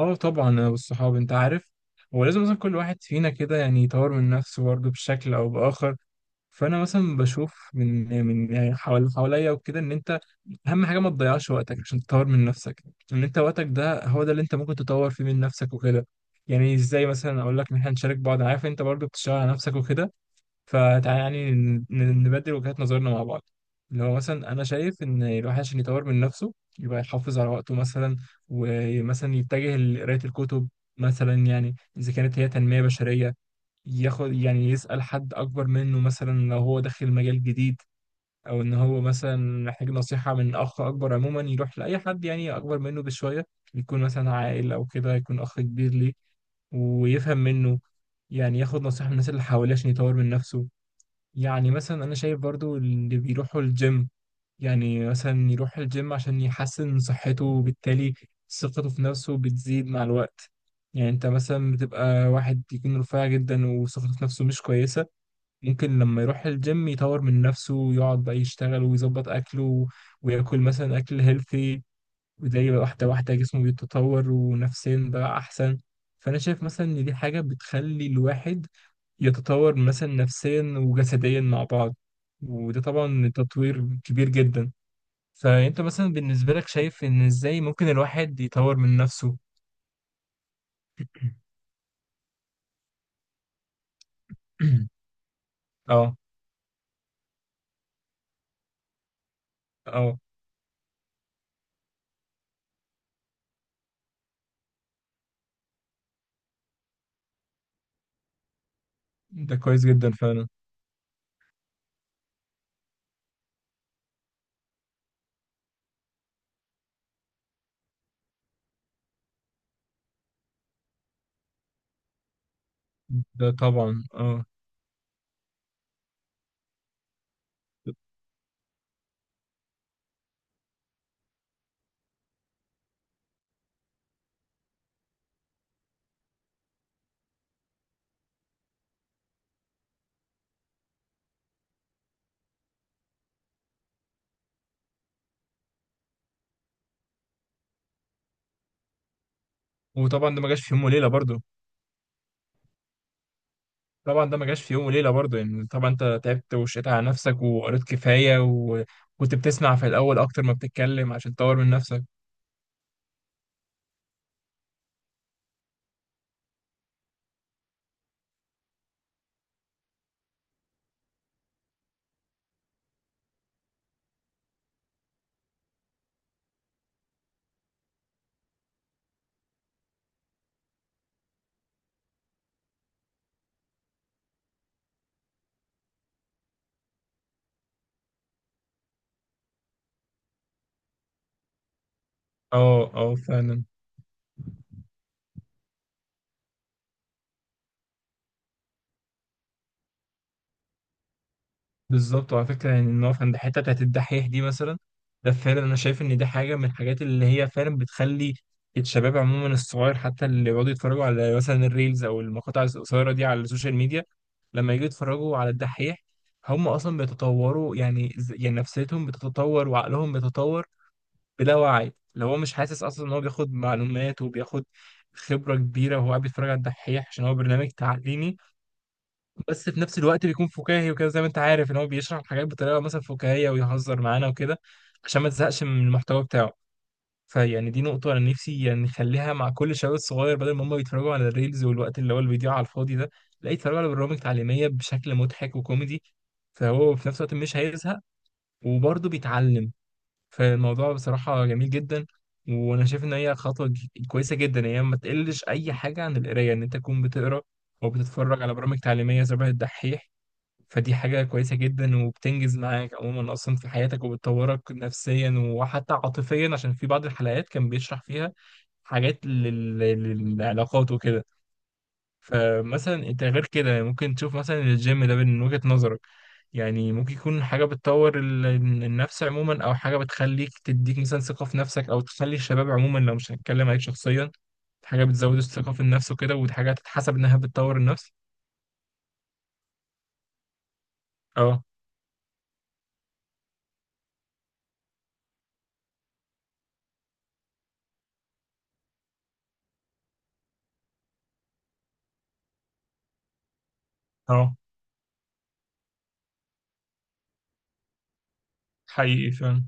اه، طبعا انا والصحاب انت عارف. هو لازم مثلا كل واحد فينا كده يعني يطور من نفسه برضه بشكل او باخر. فانا مثلا بشوف من يعني حوالي حواليا وكده ان انت اهم حاجه ما تضيعش وقتك عشان تطور من نفسك. ان انت وقتك ده هو ده اللي انت ممكن تطور فيه من نفسك وكده. يعني ازاي مثلا اقول لك ان احنا نشارك بعض، عارف انت برضه بتشتغل على نفسك وكده. فتعالى يعني نبدل وجهات نظرنا مع بعض. اللي هو مثلا انا شايف ان الواحد عشان يطور من نفسه يبقى يحافظ على وقته مثلا، ومثلا يتجه لقراية الكتب، مثلا يعني اذا كانت هي تنمية بشرية، ياخد يعني يسأل حد اكبر منه مثلا لو هو داخل مجال جديد، او ان هو مثلا محتاج نصيحة من اخ اكبر عموما، يروح لاي حد يعني اكبر منه بشوية، يكون مثلا عاقل او كده، يكون اخ كبير ليه ويفهم منه. يعني ياخد نصيحة من الناس اللي حواليه عشان يطور من نفسه. يعني مثلا انا شايف برضو اللي بيروحوا الجيم، يعني مثلا يروح الجيم عشان يحسن من صحته، وبالتالي ثقته في نفسه بتزيد مع الوقت. يعني انت مثلا بتبقى واحد يكون رفيع جدا وثقته في نفسه مش كويسة، ممكن لما يروح الجيم يطور من نفسه ويقعد بقى يشتغل ويظبط اكله وياكل مثلا اكل هيلثي. وده واحدة واحدة جسمه بيتطور ونفسيا بقى أحسن. فأنا شايف مثلا إن دي حاجة بتخلي الواحد يتطور مثلا نفسيا وجسديا مع بعض، وده طبعا تطوير كبير جدا. فأنت مثلا بالنسبة لك شايف إن إزاي ممكن الواحد يطور من نفسه؟ اه، اه. ده كويس جدا فعلا. ده طبعا، اه. وطبعا ده ما جاش في يوم وليلة برضه. طبعا ده ما جاش في يوم وليله برضه، يعني طبعا انت تعبت وشقيت على نفسك وقريت كفايه، وكنت بتسمع في الاول اكتر ما بتتكلم عشان تطور من نفسك. اه، اه، فعلا. بالظبط. وعلى فكره يعني نقف عند الحته بتاعت الدحيح دي مثلا. ده فعلا انا شايف ان دي حاجه من الحاجات اللي هي فعلا بتخلي الشباب عموما، الصغير حتى، اللي بيقعدوا يتفرجوا على مثلا الريلز او المقاطع القصيره دي على السوشيال ميديا، لما يجوا يتفرجوا على الدحيح هم اصلا بيتطوروا. يعني يعني نفسيتهم بتتطور وعقلهم بيتطور بلا وعي، لو هو مش حاسس اصلا ان هو بياخد معلومات وبياخد خبره كبيره وهو قاعد بيتفرج على الدحيح، عشان هو برنامج تعليمي بس في نفس الوقت بيكون فكاهي وكده، زي ما انت عارف ان هو بيشرح الحاجات بطريقه مثلا فكاهيه ويهزر معانا وكده عشان ما تزهقش من المحتوى بتاعه. فيعني دي نقطه انا نفسي يعني نخليها مع كل شباب صغير، بدل ما هم بيتفرجوا على الريلز والوقت اللي هو الفيديو على الفاضي ده، لا يتفرجوا على برامج تعليميه بشكل مضحك وكوميدي، فهو في نفس الوقت مش هيزهق وبرضه بيتعلم. فالموضوع بصراحة جميل جدا، وأنا شايف إن هي خطوة كويسة جدا. يعني هي ما تقلش أي حاجة عن القراية، إن أنت تكون بتقرا وبتتفرج على برامج تعليمية شبه الدحيح. فدي حاجة كويسة جدا وبتنجز معاك عموما أصلا في حياتك، وبتطورك نفسيا وحتى عاطفيا عشان في بعض الحلقات كان بيشرح فيها حاجات للعلاقات وكده. فمثلا انت غير كده يعني ممكن تشوف مثلا الجيم ده من وجهة نظرك، يعني ممكن يكون حاجة بتطور النفس عموما، او حاجة بتخليك تديك مثلا ثقة في نفسك، او تخلي الشباب عموما لو مش هنتكلم عليك شخصيا، حاجة بتزود الثقة في النفس وكده، وحاجة تتحسب انها بتطور النفس. اه، اه، حقيقي فعلا.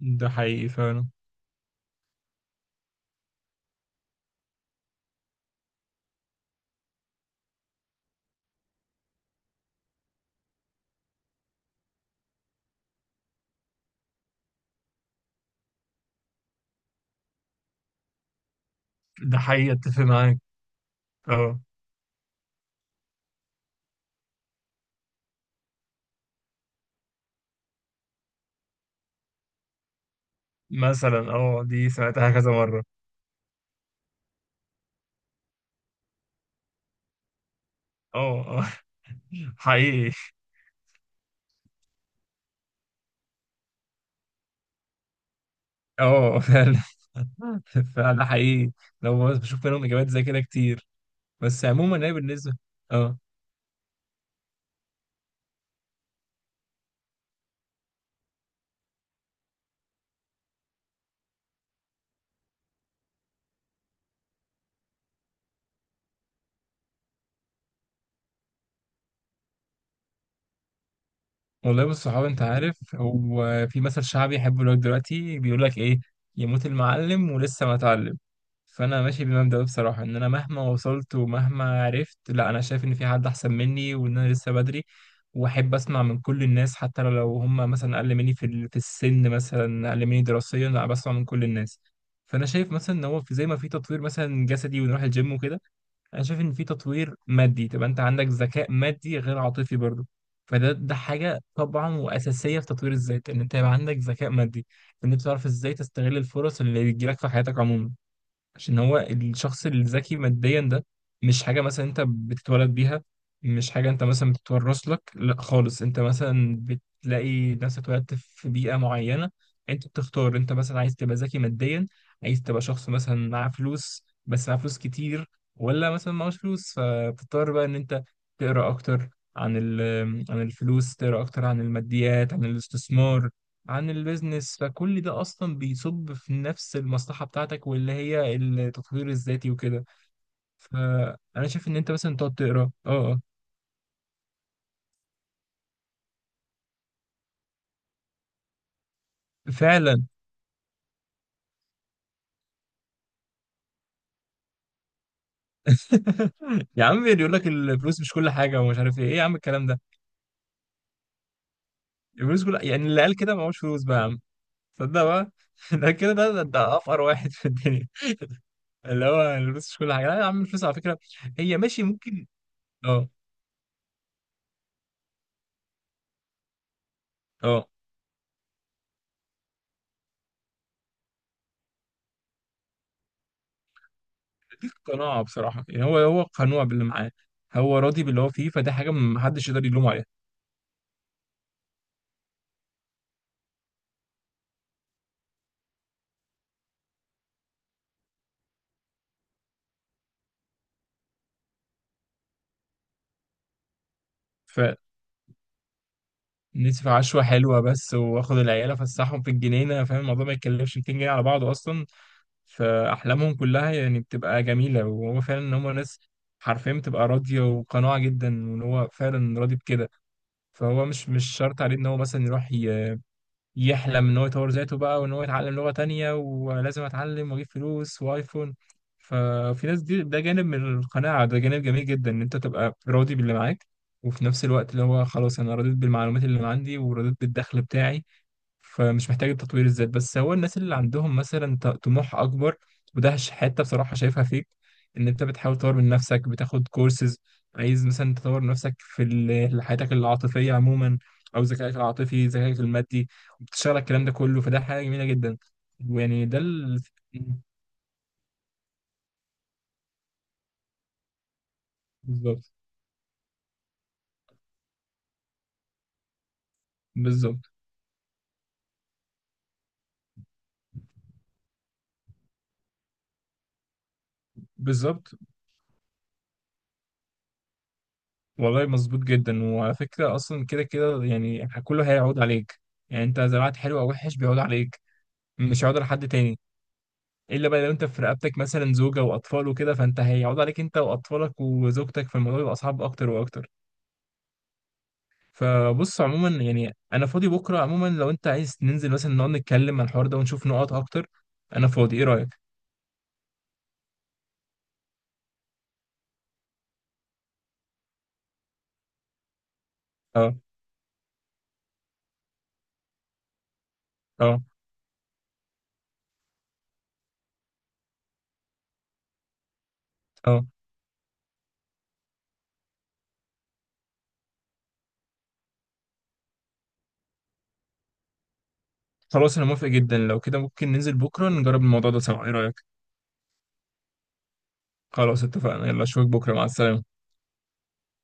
ده حقيقي فعلا. ده حقيقي اتفق معاك. اه. مثلا، دي سمعتها كذا مرة. اه، اه. حقيقي. اه، فعلا. فعلا ده حقيقي. لو بس بشوف منهم اجابات زي كده كتير. بس عموما انا بالنسبه، اه والله بص صحابي، انت عارف هو في مثل شعبي يحبه لك دلوقتي بيقول لك ايه: يموت المعلم ولسه ما اتعلم. فانا ماشي بالمبدأ ده بصراحة، ان انا مهما وصلت ومهما عرفت، لا، انا شايف ان في حد احسن مني وان انا لسه بدري. واحب اسمع من كل الناس، حتى لو هم مثلا اقل مني في في السن، مثلا اقل مني دراسيا، لا بسمع من كل الناس. فانا شايف مثلا ان هو في، زي ما في تطوير مثلا جسدي ونروح الجيم وكده، انا شايف ان في تطوير مادي، تبقى انت عندك ذكاء مادي غير عاطفي برضه. فده حاجة طبعا وأساسية في تطوير الذات، إن أنت يبقى عندك ذكاء مادي، إن أنت تعرف إزاي تستغل الفرص اللي بتجيلك في حياتك عموما. عشان هو الشخص الذكي ماديا ده، مش حاجة مثلا انت بتتولد بيها، مش حاجة انت مثلا بتتورث لك، لا خالص، انت مثلا بتلاقي نفسك اتولدت في بيئة معينة، انت بتختار انت مثلا عايز تبقى ذكي ماديا، عايز تبقى شخص مثلا معاه فلوس، بس معاه فلوس كتير، ولا مثلا معهوش فلوس فبتضطر بقى ان انت تقرا اكتر عن عن الفلوس، تقرا اكتر عن الماديات، عن الاستثمار، عن البيزنس. فكل ده اصلا بيصب في نفس المصلحه بتاعتك، واللي هي التطوير الذاتي وكده. فانا شايف ان انت مثلا تقعد تقرا. فعلا. يا عم بيقول لك الفلوس مش كل حاجه ومش عارف ايه ايه، يا عم الكلام ده. الفلوس كل، يعني اللي قال كده معهوش فلوس بقى يا عم، صدق بقى. ده كده، ده افقر واحد في الدنيا، اللي هو الفلوس مش كل حاجه. لا يا عم، الفلوس على فكره هي ماشي ممكن. اه، اه، دي قناعه بصراحه، يعني هو قنوع باللي معاه، هو راضي باللي هو فيه، فده حاجه محدش يقدر يلوم عليها. فنسف عشوة حلوة بس، واخد العيال افسحهم في الجنينة، فاهم؟ الموضوع ما يتكلفش 200 جنيه على بعضه اصلا. فاحلامهم كلها يعني بتبقى جميلة، وهو فعلا ان هم ناس حرفيا بتبقى راضية وقناعة جدا، وان هو فعلا راضي بكده. فهو مش شرط عليه ان هو مثلا يروح يحلم ان هو يطور ذاته بقى، وان هو يتعلم لغة تانية ولازم اتعلم واجيب فلوس وايفون. ففي ناس دي، ده جانب من القناعة، ده جانب جميل جدا، ان انت تبقى راضي باللي معاك. وفي نفس الوقت اللي هو خلاص انا رضيت بالمعلومات اللي عندي ورضيت بالدخل بتاعي، فمش محتاج تطوير الذات. بس هو الناس اللي عندهم مثلا طموح اكبر، وده حته بصراحه شايفها فيك، ان انت بتحاول تطور من نفسك، بتاخد كورسز، عايز مثلا تطور نفسك في حياتك العاطفيه عموما، او ذكائك العاطفي، ذكائك المادي، وبتشتغل الكلام ده كله، فده حاجه جميله جدا. ويعني ده بالظبط، بالظبط، بالظبط. والله مظبوط جدا. وعلى فكره اصلا كده كده، يعني كله هيعود عليك، يعني انت زرعت حلو او وحش بيعود عليك، مش هيعود على حد تاني، الا بقى لو انت في رقبتك مثلا زوجه واطفال وكده، فانت هيقعد عليك انت واطفالك وزوجتك، فالموضوع يبقى صعب اكتر واكتر. فبص عموما يعني انا فاضي بكره، عموما لو انت عايز ننزل مثلا نقعد نتكلم عن الحوار ده ونشوف نقط اكتر، انا فاضي، ايه رايك؟ اه، اه، اه، خلاص انا موافق جدا، لو كده ممكن ننزل بكره نجرب الموضوع ده سوا، ايه رايك؟ خلاص اتفقنا، يلا اشوفك بكره، مع السلامه.